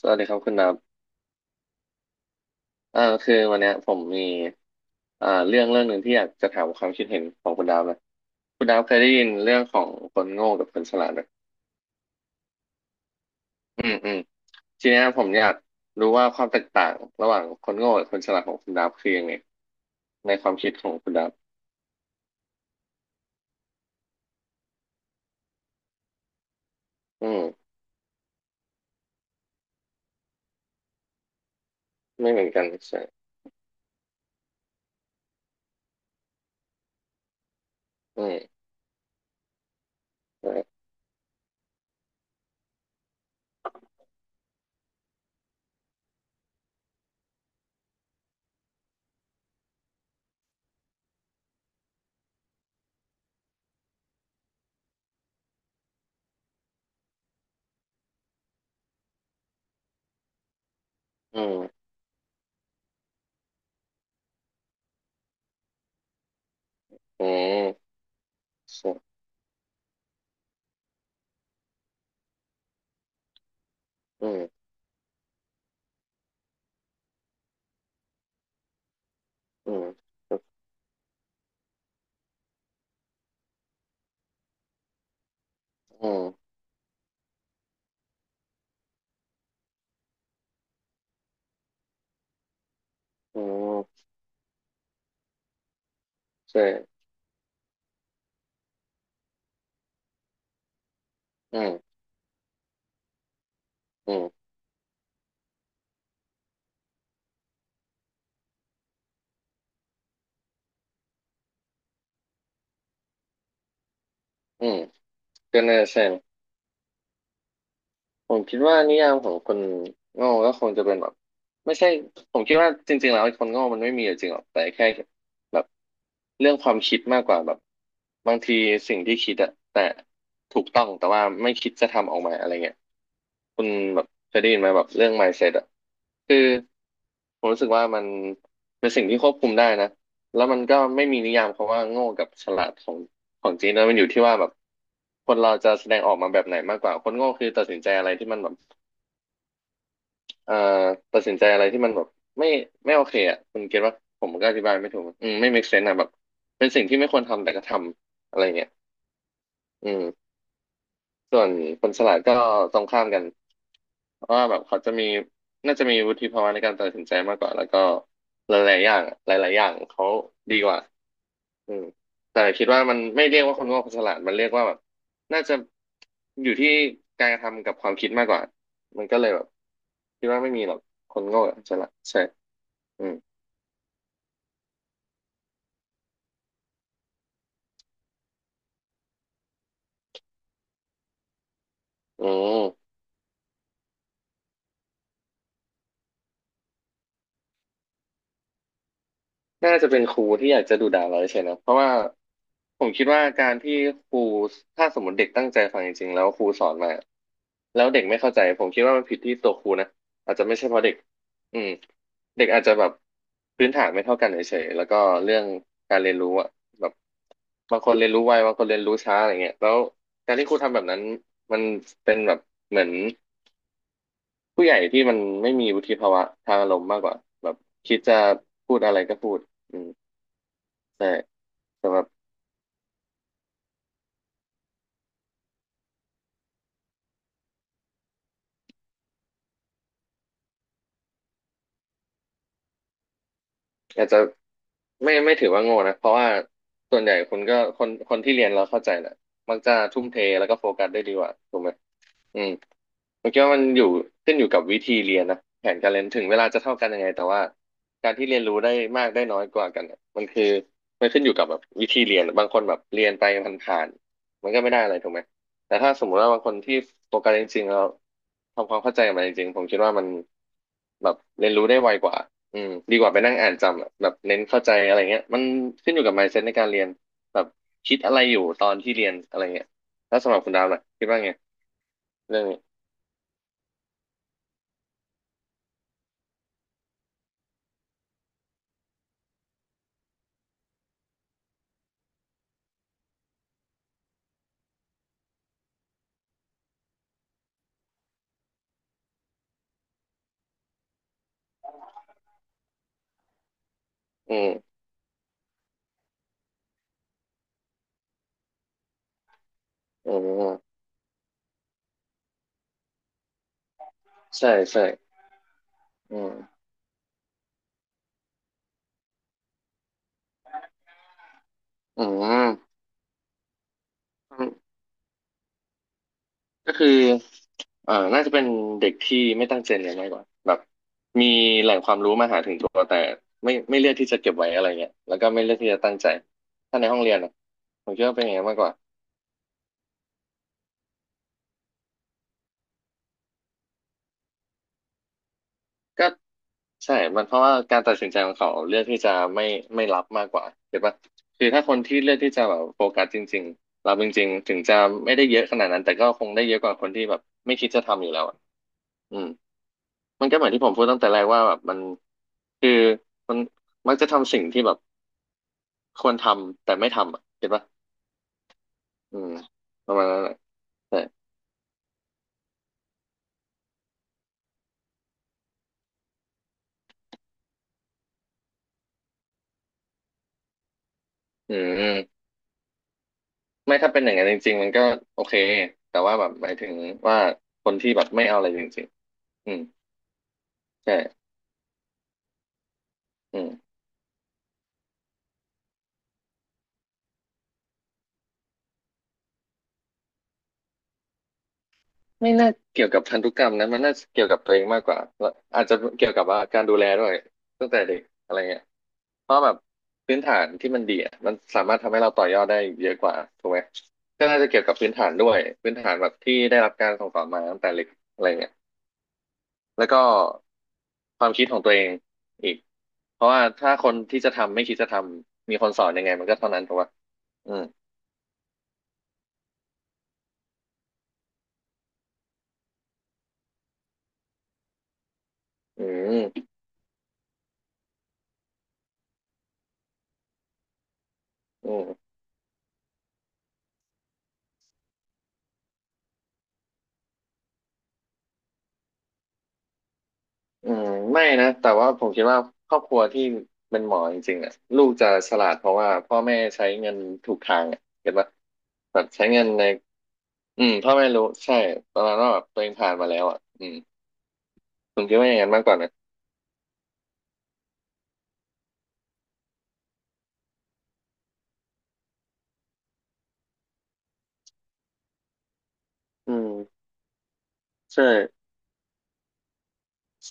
สวัสดีครับคุณนับคือวันเนี้ยผมมีเรื่องหนึ่งที่อยากจะถามความคิดเห็นของคุณดาวนะคุณดาวเคยได้ยินเรื่องของคนโง่กับคนฉลาดไหมอืมอืมทีเนี้ยผมอยากรู้ว่าความแตกต่างระหว่างคนโง่กับคนฉลาดของคุณดาวคือยังไงในความคิดของคุณดาวอืมไม่เหมือนกันใช่อืมอืมอืมใช่อืมอืมอืมอืมใช่อืมอืมอืมก็น่าใช่ ผมคิดว่านิยามของคนโง่ก็คงจะเป็นแบบไม่ใช่ผมคิดว่าจริงๆแล้วไอ้คนโง่มันไม่มีอยู่จริงหรอกแต่แค่แบบเรื่องความคิดมากกว่าแบบบางทีสิ่งที่คิดอะแต่ถูกต้องแต่ว่าไม่คิดจะทำออกมาอะไรเงี้ยคุณแบบเคยได้ยินไหมแบบเรื่อง mindset อะคือผมรู้สึกว่ามันเป็นสิ่งที่ควบคุมได้นะแล้วมันก็ไม่มีนิยามคำว่าโง่กับฉลาดของของจริงนะมันอยู่ที่ว่าแบบคนเราจะแสดงออกมาแบบไหนมากกว่าคนโง่คือตัดสินใจอะไรที่มันแบบ เอ่อตัดสินใจอะไรที่มันแบบไม่ไม่โอเคอ่ะคุณเก็ตว่าผมก็อธิบายไม่ถูกอืมไม่ make sense อะแบบเป็นสิ่งที่ไม่ควรทำแต่ก็ทำอะไรเงี้ยอืมส่วนคนฉลาดก็ตรงข้ามกันเพราะว่าแบบเขาจะมีน่าจะมีวุฒิภาวะในการตัดสินใจมากกว่าแล้วก็หลายๆอย่างหลายๆอย่างเขาดีกว่าอืมแต่คิดว่ามันไม่เรียกว่าคนโง่คนฉลาดมันเรียกว่าแบบน่าจะอยู่ที่การกระทำกับความคิดมากกว่ามันก็เลยแบบคิดว่าไม่มีหรอกคนโง่กับคนฉลาดใช่ อืมอืมน่าจะเป็นครูที่อยากจะดุด่าเราใช่นะเพราะว่าผมคิดว่าการที่ครูถ้าสมมติเด็กตั้งใจฟังจริงๆแล้วครูสอนมาแล้วเด็กไม่เข้าใจผมคิดว่ามันผิดที่ตัวครูนะอาจจะไม่ใช่เพราะเด็กอืมเด็กอาจจะแบบพื้นฐานไม่เท่ากันเฉยๆแล้วก็เรื่องการเรียนรู้อะแบบบางคนเรียนรู้ไวบางคนเรียนรู้ช้าอะไรเงี้ยแล้วการที่ครูทำแบบนั้นมันเป็นแบบเหมือน ผู้ใหญ่ที่มันไม่มีวุฒิภาวะทางอารมณ์มากกว่าแบบคิดจะพูดอะไรก็พูดอืมแต่แต่แบบอาจจะไม่ถือว่าโง่นะเพราะว่าส่วนใหญ่คนก็คนคนที่เรียนเราเข้าใจแหละมักจะทุ่มเทแล้วก็โฟกัสได้ดีกว่าถูกไหม อืมผมคิดว่ามันอยู่ขึ้นอยู่กับวิธีเรียนนะแผนการเรียนถึงเวลาจะเท่ากันยังไงแต่ว่าการที่เรียนรู้ได้มากได้น้อยกว่ากันเนี่ยมันคือมันขึ้นอยู่กับแบบวิธีเรียนบางคนแบบเรียนไปผ่านๆมันก็ไม่ได้อะไรถูกไหมแต่ถ้าสมมุติว่าบางคนที่โฟกัสจริงๆแล้วทำความเข้าใจกับมันจริงๆผมคิดว่ามันแบบเรียนรู้ได้ไวกว่าอืมดีกว่าไปนั่งอ่านจำอะแบบเน้นเข้าใจอะไรเงี้ยมันขึ้นอยู่กับ mindset ในการเรียนแบบคิดอะไรอยู่ตอนที่เรียนอะไรเงี้ยแล้วสำหรับคุณดาวน่ะคิดว่าไงเรื่องนี้ อืมอืมใช่ใช่อืมอืมก็คือน่าจะเป็นเด็กที่ไม่ตั้งใจเรียนมากกว่า แบบ มีแหล่งความรู้มาหาถึงตัวแต่ไม่เลือกที่จะเก็บไว้อะไรเงี้ยแล้วก็ไม่เลือกที่จะตั้งใจ ถ้าในห้องเรียนนะผมคิดว่าเป็นอย่างนั้นมากกว่าก็ใช่มันเพราะว่าการตัดสินใจของเขาเลือกที่จะไม่รับมากกว่าเห็นปะคือถ้าคนที่เลือกที่จะแบบโฟกัสจริงๆรับจริงๆถึงจะไม่ได้เยอะขนาดนั้นแต่ก็คงได้เยอะกว่าคนที่แบบไม่คิดจะทำอยู่แล้วอะอืม มันก็เหมือนที่ผมพูดตั้งแต่แรกว่าแบบมันคือมันมักจะทำสิ่งที่แบบควรทำแต่ไม่ทำอ่ะเห็นปะอืมประมาณนั้นแหละแต่อืมไม่ถ้าเป็นอย่างนั้นจริงๆมันก็โอเคแต่ว่าแบบหมายถึงว่าคนที่แบบไม่เอาอะไรจริงๆอืมใช่อืม ไม่น่าเกี่ยวกับพันธุกรรมนะมันน่าจะเกี่ยวกับตัวเองมากกว่าแล้วอาจจะเกี่ยวกับว่าการดูแลด้วยตั้งแต่เด็กอะไรเงี้ยเพราะแบบพื้นฐานที่มันดีอะมันสามารถทำให้เราต่อยอดได้เยอะกว่าถูกไหมก็น่าจะเกี่ยวกับพื้นฐานด้วยพื้นฐานแบบที่ได้รับการส่งต่อมาตั้งแต่เล็กอะไรเงี้ยแล้วก็ความคิดของตัวเองอีกเพราะว่าถ้าคนที่จะทำไม่คิดจะทำมีคนสอนยังไงมันก็เท่านั้นถูกปะอืมอืมอืม อืมไม่นะแต่ว่าผมคิดว่าครอบครัวที่เป็นหมอจริงๆอ่ะลูกจะฉลาดเพราะว่าพ่อแม่ใช้เงินถูกทางอ่ะเห็นปะแบบใช้เงินในอืมพ่อแม่รู้ใช่ประมาณว่าแบบตัวเองผ่านมาแล้วอ่ะอืมผมคิดว่าอย่างนั้นมากกว่านะอืมใช่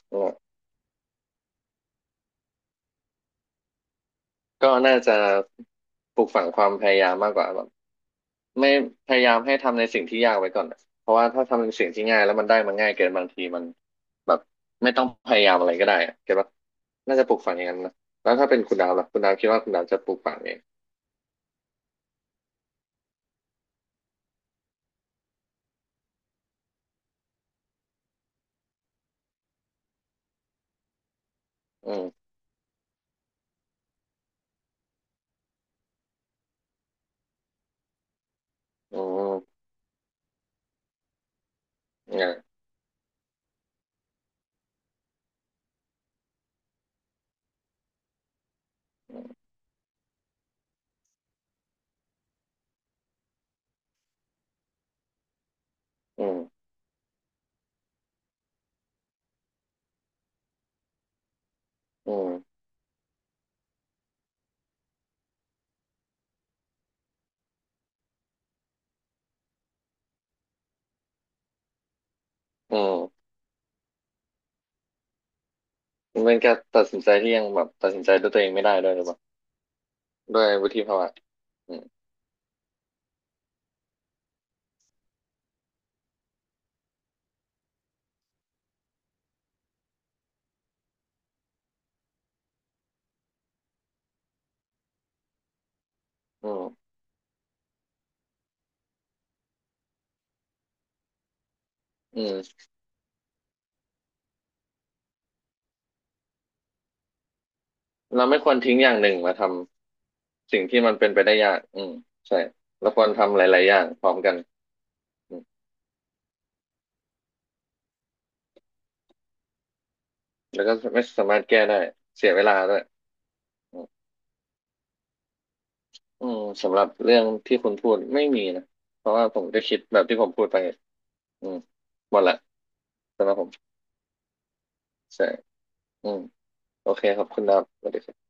เออก็น่าจะปลูกฝังความพยายามมากกว่าแบบ ไม่พยายามให้ทำในสิ่งที่ยากไว้ก่อนอะเพราะว่าถ้าทำในสิ่งที่ง่ายแล้วมันได้มันง่ายเกินบางทีมันแบบไม่ต้องพยายามอะไรก็ได้อะเก็ตว่าน่าจะปลูกฝังอย่างนั้นนะแล้วถ้าเป็นคุณดาวล่ะคุณดาวคิดว่าคุณดาวจะปลูกฝังเองอืมอืมอืมอืมอืมอืมมันเป็นการตัดสินใจที่ยังแบบตัดสินใจด้วยตัวเองไม่ได้ด้วยหรือเปล่าด้วยวุฒิภาวะอืมอืมอืมเราไม่ควรทิ้งอย่างหนึ่งมาทำสิ่งที่มันเป็นไปได้ยากอืมใช่เราควรทำหลายๆอย่างพร้อมกัน แล้วก็ไม่สามารถแก้ได้เสียเวลาด้วยอืมสำหรับเรื่องที่คุณพูดไม่มีนะเพราะว่าผมก็คิดแบบที่ผมพูดไปอืมหมดละสำหรับผมใช่อืมโอเคขอบคุณนะครับสวัสดีครับ